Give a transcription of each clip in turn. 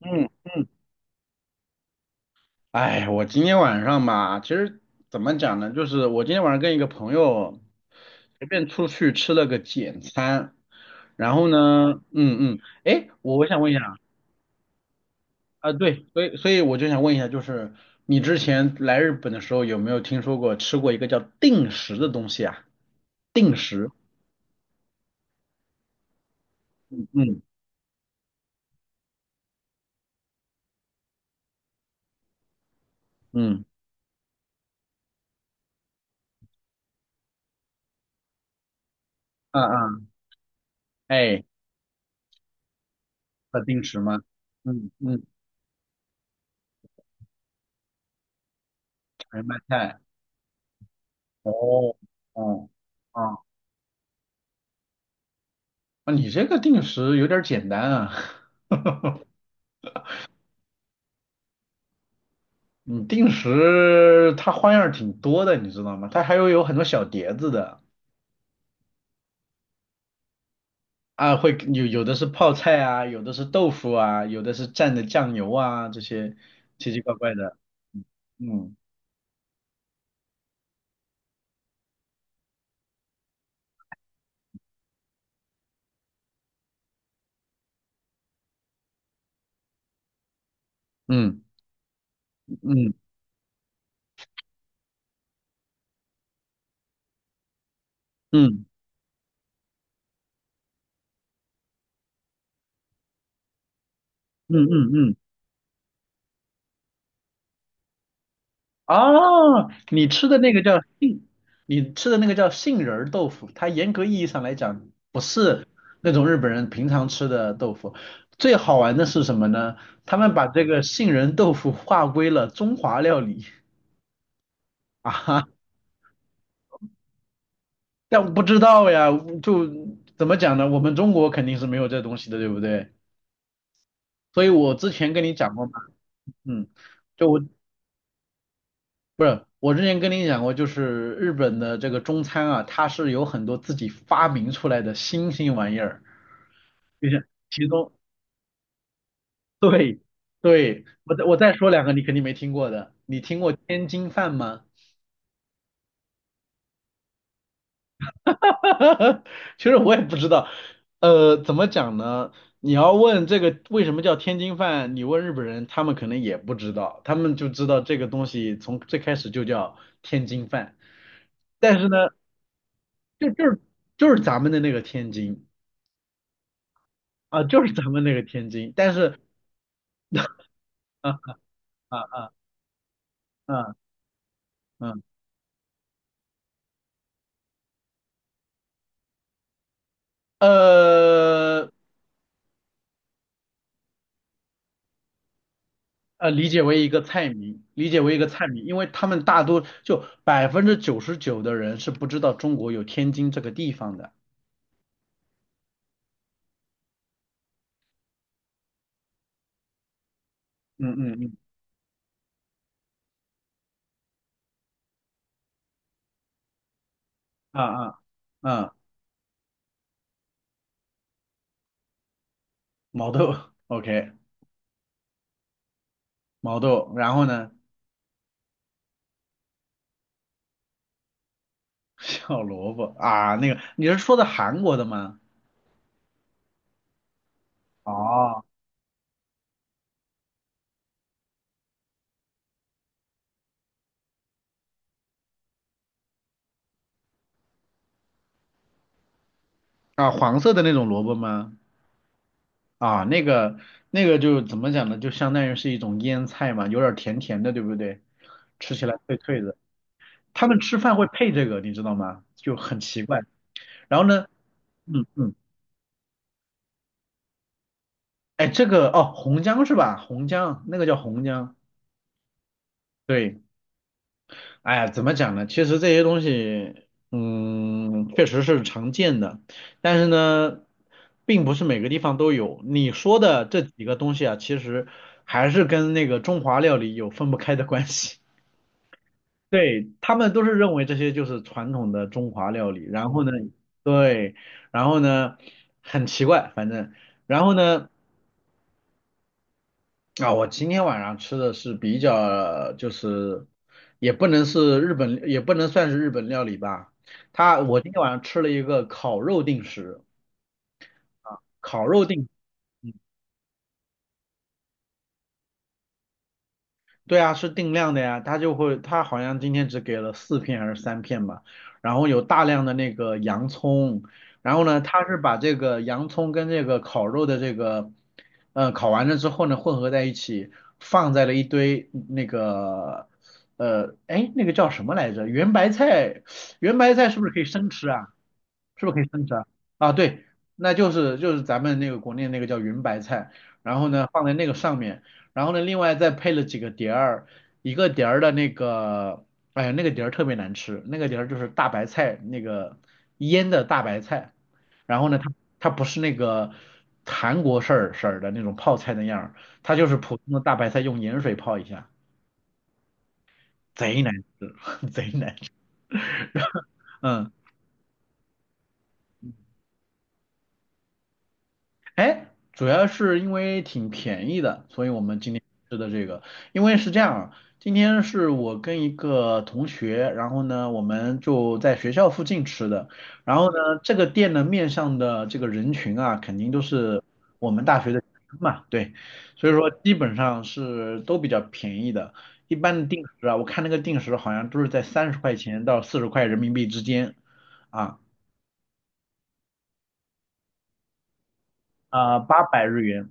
嗯，哎，我今天晚上吧，其实怎么讲呢，就是我今天晚上跟一个朋友随便出去吃了个简餐，然后呢，哎，我想问一下啊，对，所以我就想问一下，就是你之前来日本的时候有没有听说过吃过一个叫定时的东西啊？定时，嗯嗯嗯嗯，哎，叫定时吗？嗯嗯，全麦菜，哦，哦。哦，啊，你这个定时有点儿简单啊，你定时它花样儿挺多的，你知道吗？它还有很多小碟子的啊，会有有的是泡菜啊，有的是豆腐啊，有的是蘸的酱油啊，这些奇奇怪怪的，嗯嗯嗯嗯嗯嗯嗯嗯。哦，你吃的那个叫杏仁儿豆腐，它严格意义上来讲不是那种日本人平常吃的豆腐。最好玩的是什么呢？他们把这个杏仁豆腐划归了中华料理。 啊哈，但不知道呀，就怎么讲呢？我们中国肯定是没有这东西的，对不对？所以我之前跟你讲过嘛，嗯，就我我之前跟你讲过，就是日本的这个中餐啊，它是有很多自己发明出来的新兴玩意儿，就是其中，对，对，我再说两个你肯定没听过的，你听过天津饭吗？其实我也不知道，怎么讲呢？你要问这个为什么叫天津饭，你问日本人，他们可能也不知道，他们就知道这个东西从最开始就叫天津饭，但是呢，就是就是咱们的那个天津。啊，就是咱们那个天津，但是，啊啊啊啊嗯，呃理解为一个菜名，理解为一个菜名，因为他们大多就99%的人是不知道中国有天津这个地方的。嗯嗯嗯，啊啊啊，毛豆，OK,毛豆，然后呢，小萝卜啊，那个你是说的韩国的吗？哦，啊，黄色的那种萝卜吗？啊，那个就怎么讲呢？就相当于是一种腌菜嘛，有点儿甜甜的，对不对？吃起来脆脆的。他们吃饭会配这个，你知道吗？就很奇怪。然后呢，嗯嗯，哎，这个哦，红姜是吧？红姜，那个叫红姜。对，哎呀，怎么讲呢？其实这些东西，嗯，确实是常见的，但是呢，并不是每个地方都有。你说的这几个东西啊，其实还是跟那个中华料理有分不开的关系。对，他们都是认为这些就是传统的中华料理，然后呢，然后呢，很奇怪，然后呢，啊，我今天晚上吃的是比较，就是也不能是日本，也不能算是日本料理吧，我今天晚上吃了一个烤肉定食，烤肉定。对啊，是定量的呀，他就会，他好像今天只给了4片还是3片吧，然后有大量的那个洋葱，然后呢，他是把这个洋葱跟这个烤肉的这个，烤完了之后呢，混合在一起，放在了一堆那个，哎，那个叫什么来着？圆白菜，圆白菜是不是可以生吃啊？是不是可以生吃啊？啊，对，那就是咱们那个国内那个叫云白菜，然后呢放在那个上面，然后呢另外再配了几个碟儿，一个碟儿的那个，哎呀那个碟儿特别难吃，那个碟儿就是大白菜那个腌的大白菜，然后呢它不是那个韩国式儿的那种泡菜那样儿它就是普通的大白菜用盐水泡一下，贼难吃，贼难吃，嗯。哎，主要是因为挺便宜的，所以我们今天吃的这个，因为是这样啊，今天是我跟一个同学，然后呢，我们就在学校附近吃的，然后呢，这个店呢面向的这个人群啊，肯定都是我们大学的学生嘛，对，所以说基本上是都比较便宜的，一般的定时啊，我看那个定时好像都是在30块钱到40块人民币之间，啊800日元。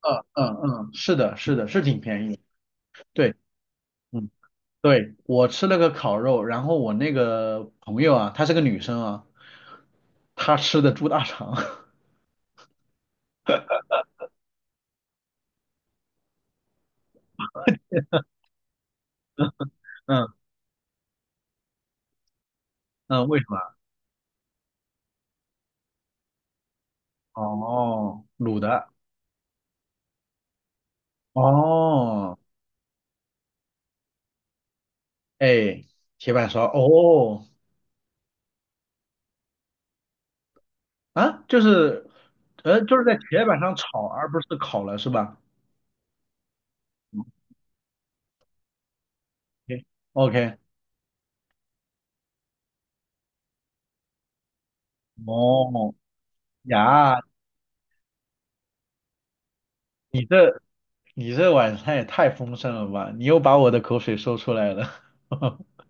嗯嗯嗯，是的，是的，是挺便宜的。对，嗯，对，我吃了个烤肉，然后我那个朋友啊，她是个女生啊，她吃的猪大肠。嗯嗯，为什么？哦，卤的。哦，哎，铁板烧。哦，啊，就是，就是在铁板上炒，而不是烤了，是吧？OK,哦，呀，你这你这晚餐也太丰盛了吧？你又把我的口水说出来了。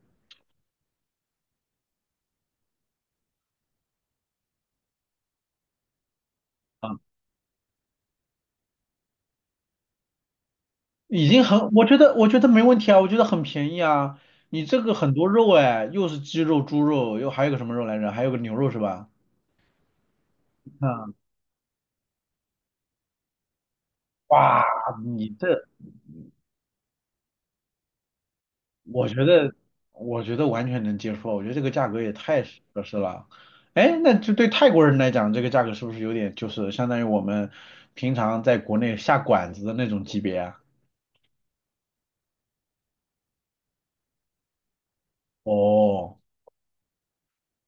已经很，我觉得没问题啊，我觉得很便宜啊。你这个很多肉哎，又是鸡肉、猪肉，又还有个什么肉来着？还有个牛肉是吧？嗯，哇，你这，我觉得我觉得完全能接受啊，我觉得这个价格也太合适了。哎，那就对泰国人来讲，这个价格是不是有点就是相当于我们平常在国内下馆子的那种级别啊？哦，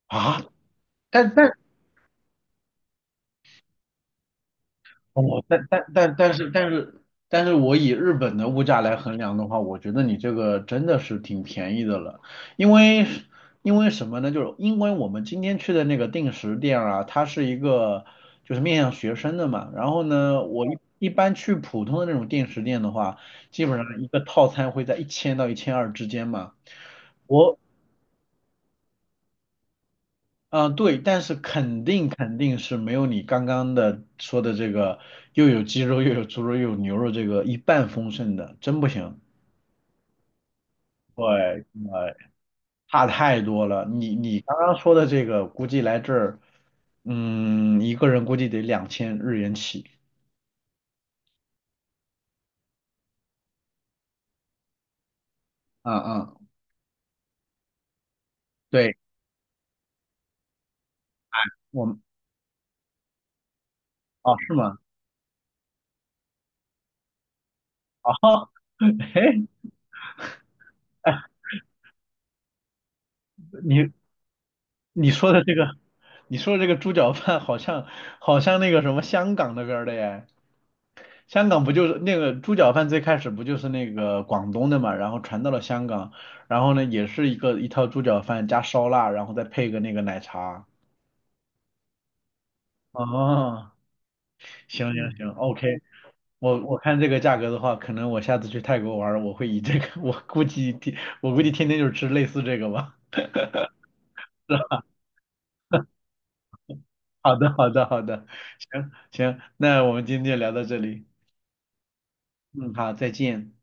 啊，但但我但但但但是但是但是我以日本的物价来衡量的话，我觉得你这个真的是挺便宜的了，因为因为什么呢？就是因为我们今天去的那个定时店啊，它是一个就是面向学生的嘛，然后呢，我一般去普通的那种定时店的话，基本上一个套餐会在1000到1200之间嘛。我嗯，对，但是肯定是没有你刚刚的说的这个又有鸡肉又有猪肉又有牛肉这个一半丰盛的，真不行。对，呃，差太多了。你刚刚说的这个，估计来这儿，嗯，一个人估计得2000日元起。嗯嗯，对，我们哦是吗？哦，哎，你你说的这个，你说的这个猪脚饭好像那个什么香港那边儿的耶。香港不就是那个猪脚饭最开始不就是那个广东的嘛，然后传到了香港，然后呢也是一个一套猪脚饭加烧腊，然后再配个那个奶茶。哦，行行嗯行，OK,我看这个价格的话，可能我下次去泰国玩儿我会以这个，我估计天天就吃类似这个吧。好的，好的，好的，行行，那我们今天就聊到这里，嗯，好，再见。